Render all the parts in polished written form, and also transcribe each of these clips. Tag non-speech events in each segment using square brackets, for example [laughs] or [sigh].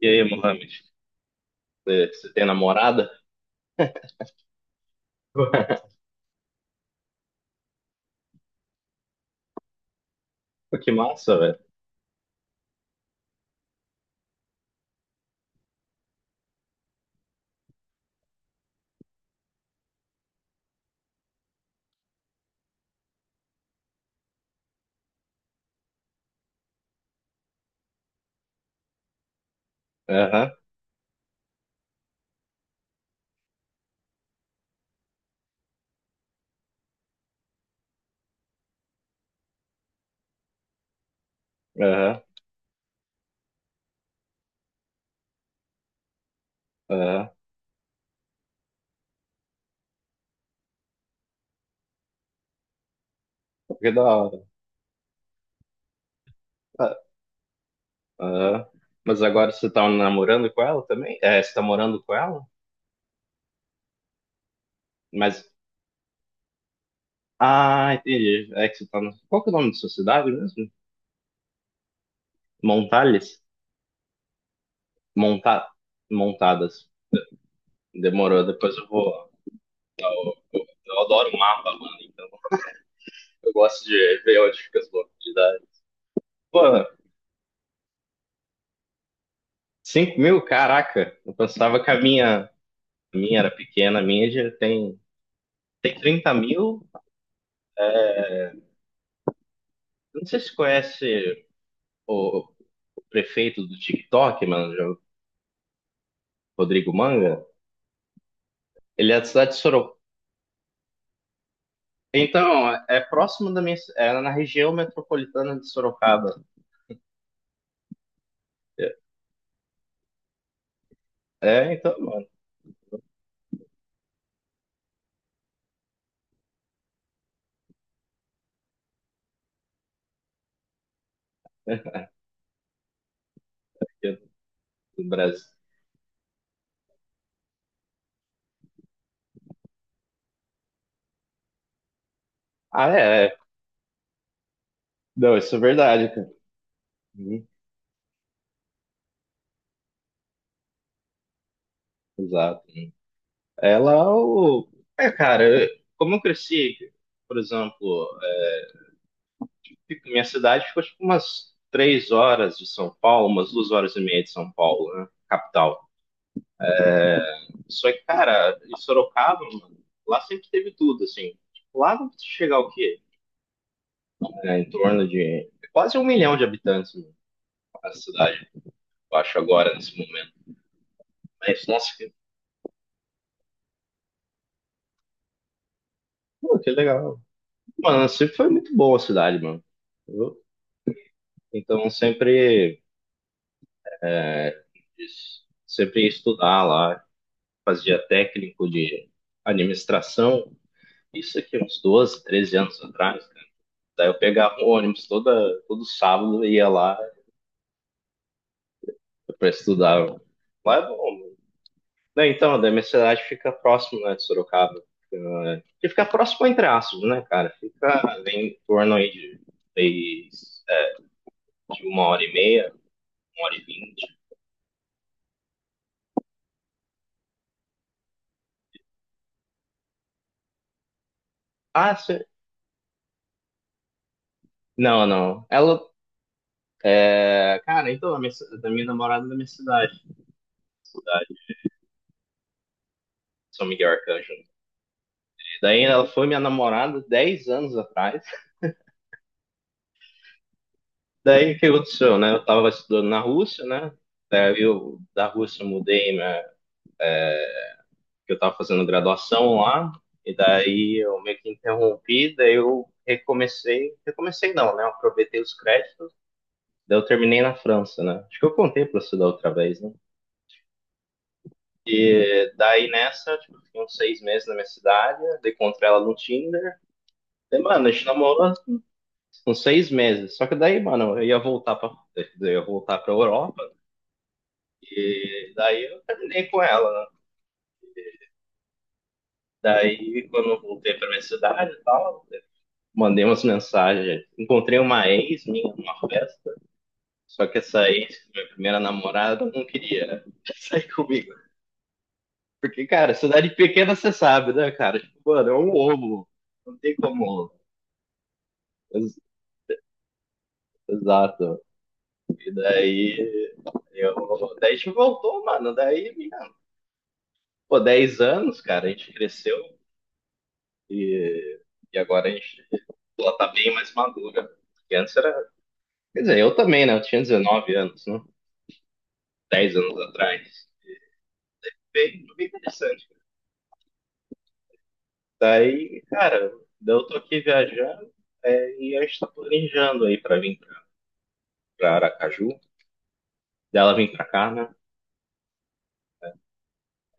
E aí, Mohamed, você tem namorada? [laughs] Pô, que massa, velho. Aham, aham, aham. Que da hora. Ah, aham. Mas agora você tá namorando com ela também? É, você tá morando com ela? Mas. Ah, entendi. É que você tá, qual que é o nome da sua cidade mesmo? Montales. Monta... Montadas. Demorou, depois eu vou. Eu adoro mapa, mano, então eu gosto de ver onde fica as localidades. Pô, cinco mil? Caraca! Eu pensava que a minha era pequena, a minha já tem. Trinta mil. Não sei se você conhece o, o prefeito do TikTok, mano, o Rodrigo Manga. Ele é da cidade de Sorocaba. Então, é próximo da minha, é na região metropolitana de Sorocaba. É, então, mano, que é do Brasil. Ah, é, é. Não, isso é verdade, cara. Uhum, exato. Ela, é o. É, cara, como eu cresci, por exemplo, minha cidade ficou tipo umas três horas de São Paulo, umas duas horas e meia de São Paulo, né? Capital. Só que, cara, em Sorocaba, mano, lá sempre teve tudo, assim. Lá vai chegar o quê? É, em torno de quase um milhão de habitantes, mano, a cidade, eu acho, agora, nesse momento. Mas, nossa, que, pô, que legal. Mano, sempre foi muito boa a cidade, mano. Eu- Então, sempre, é, como diz, sempre ia estudar lá, fazia técnico de administração, isso aqui uns 12 13 anos atrás, cara. Daí eu pegava o ônibus toda, todo sábado, ia lá, para estudar. Lá é bom, né? Não, então, da minha cidade fica próximo, né, de Sorocaba. Fica, que fica próximo entre aspas, né, cara? Fica em torno aí de, três, é, de uma hora e meia, uma hora e vinte. Ah, cê... não, não. Ela, é, cara, então, a minha, da minha namorada da minha cidade, cidade São Miguel Arcanjo. Daí ela foi minha namorada 10 anos atrás. Daí o que aconteceu, né? Eu tava estudando na Rússia, né? Daí eu, da Rússia, eu mudei minha, que eu estava fazendo graduação lá, e daí eu meio que interrompi, daí eu recomecei, recomecei não, né? Eu aproveitei os créditos, daí eu terminei na França, né? Acho que eu contei para você da outra vez, né? E daí nessa, tipo, eu fiquei uns seis meses na minha cidade, daí encontrei ela no Tinder. E, mano, a gente namorou uns seis meses. Só que daí, mano, eu ia voltar pra Europa, daí eu terminei com ela, né? Daí, quando eu voltei pra minha cidade e tal, mandei umas mensagens. Encontrei uma ex minha numa festa, só que essa ex, minha primeira namorada, não queria sair comigo. Porque, cara, cidade pequena você sabe, né, cara? Tipo, mano, é um ovo. Não tem como. Ex- Exato. E daí. Eu... Daí a gente voltou, mano. Daí, minha... pô, 10 anos, cara, a gente cresceu e, e agora a gente, ela tá bem mais madura. Porque antes era. Quer dizer, eu também, né? Eu tinha 19 anos, né? Dez anos atrás. Bem, bem interessante. Daí, cara, daí eu tô aqui viajando, é, e a gente tá planejando aí pra vir pra, Aracaju. Daí ela vem pra cá, né?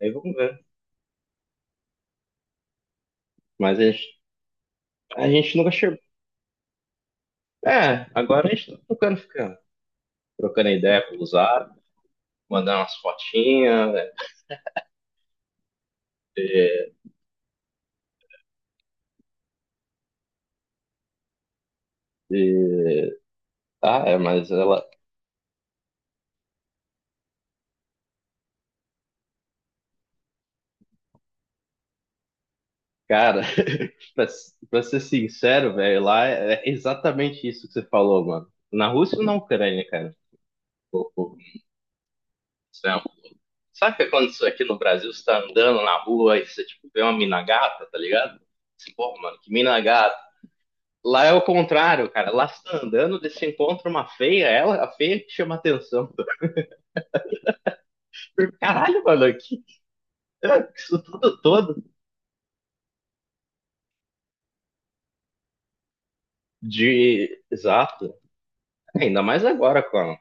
Aí vamos ver. Mas a gente nunca chegou. É, agora a gente tá trocando, ficando. Trocando ideia com o Zara, mandando umas fotinhas, né? Ah, é, mas ela. Cara, [laughs] pra, pra ser sincero, velho, lá é exatamente isso que você falou, mano. Na Rússia ou na Ucrânia, cara? Pô, pô, isso é. Sabe o que aconteceu aqui no Brasil? Você tá andando na rua e você, tipo, vê uma mina gata, tá ligado? Você, pô, mano, que mina gata. Lá é o contrário, cara. Lá você tá andando, daí você encontra uma feia, ela, a feia que chama atenção. Caralho, mano, aqui. [laughs] Isso tudo todo de. Exato. Ainda mais agora, cara.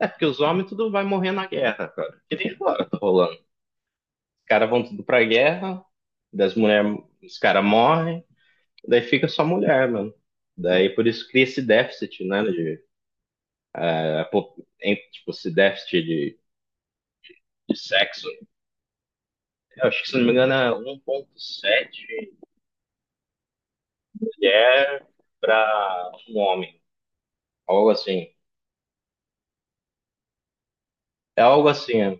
É porque os homens tudo vai morrer na guerra, cara. Que nem agora tá rolando. Os caras vão tudo pra guerra, das mulheres, os caras morrem, daí fica só mulher, mano. Daí por isso cria esse déficit, né, de é, em, tipo, esse déficit de sexo, eu acho que, se não me engano, é 1,7 mulher para um homem, algo assim. É algo assim,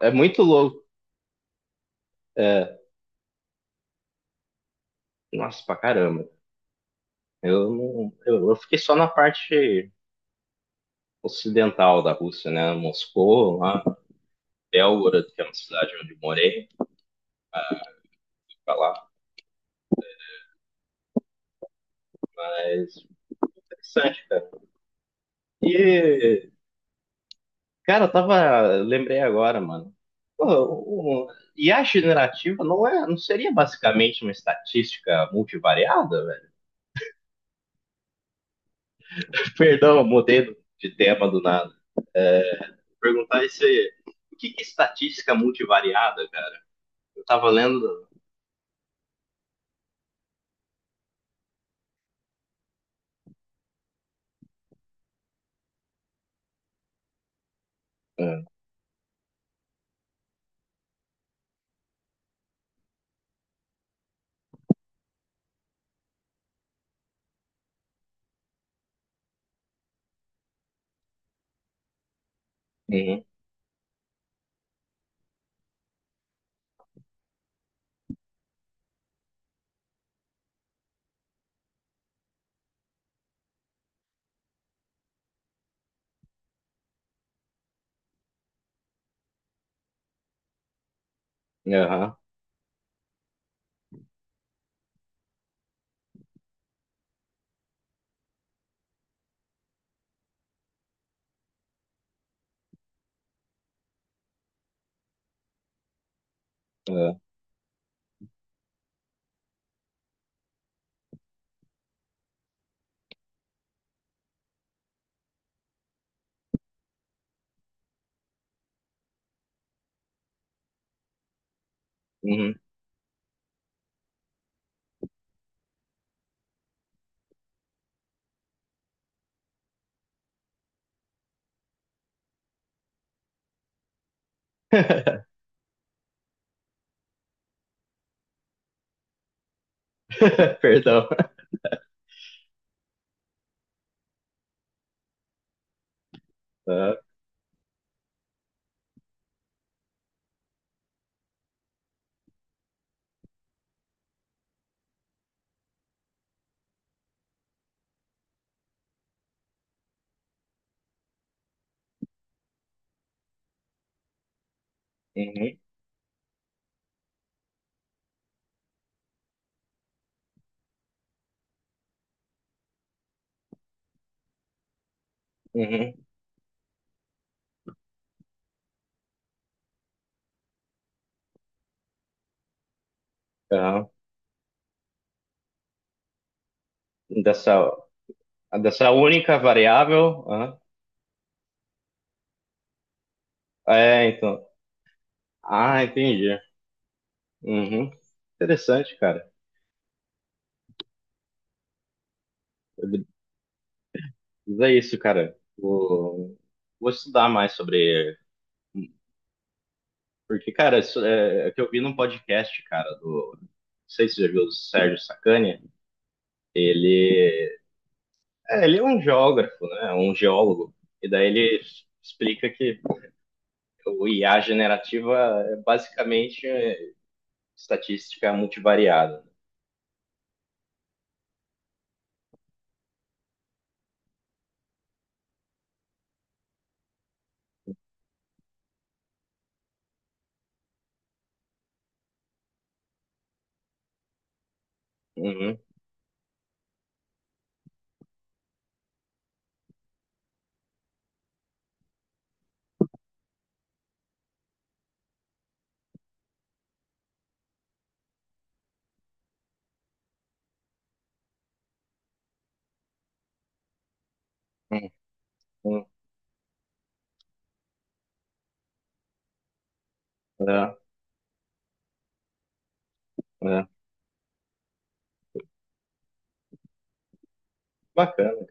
é muito louco. É, nossa, pra caramba. Eu, eu fiquei só na parte ocidental da Rússia, né? Moscou, lá, Belgorod, que é uma cidade onde eu morei, pra lá. Mas interessante, cara. E, cara, eu tava. Lembrei agora, mano. Pô, IA generativa não é, não seria basicamente uma estatística multivariada, velho? [laughs] Perdão, mudei de tema do nada. Vou perguntar isso aí. O que que é estatística multivariada, cara? Eu tava lendo. Uhum, aham, aham, uhum. [laughs] Perdão. Aham, uhum, uhum, aham. Dessa, dessa única variável. Aham. É, então. Ah, entendi. Uhum. Interessante, cara. Mas é isso, cara. Vou estudar mais sobre. Porque, cara, isso é que eu vi num podcast, cara, do. Não sei se você já viu o Sérgio Sacani. Ele ele é um geógrafo, né? Um geólogo. E daí ele explica que o IA generativa é basicamente estatística multivariada. Uhum. Uhum. É, é. Bacana.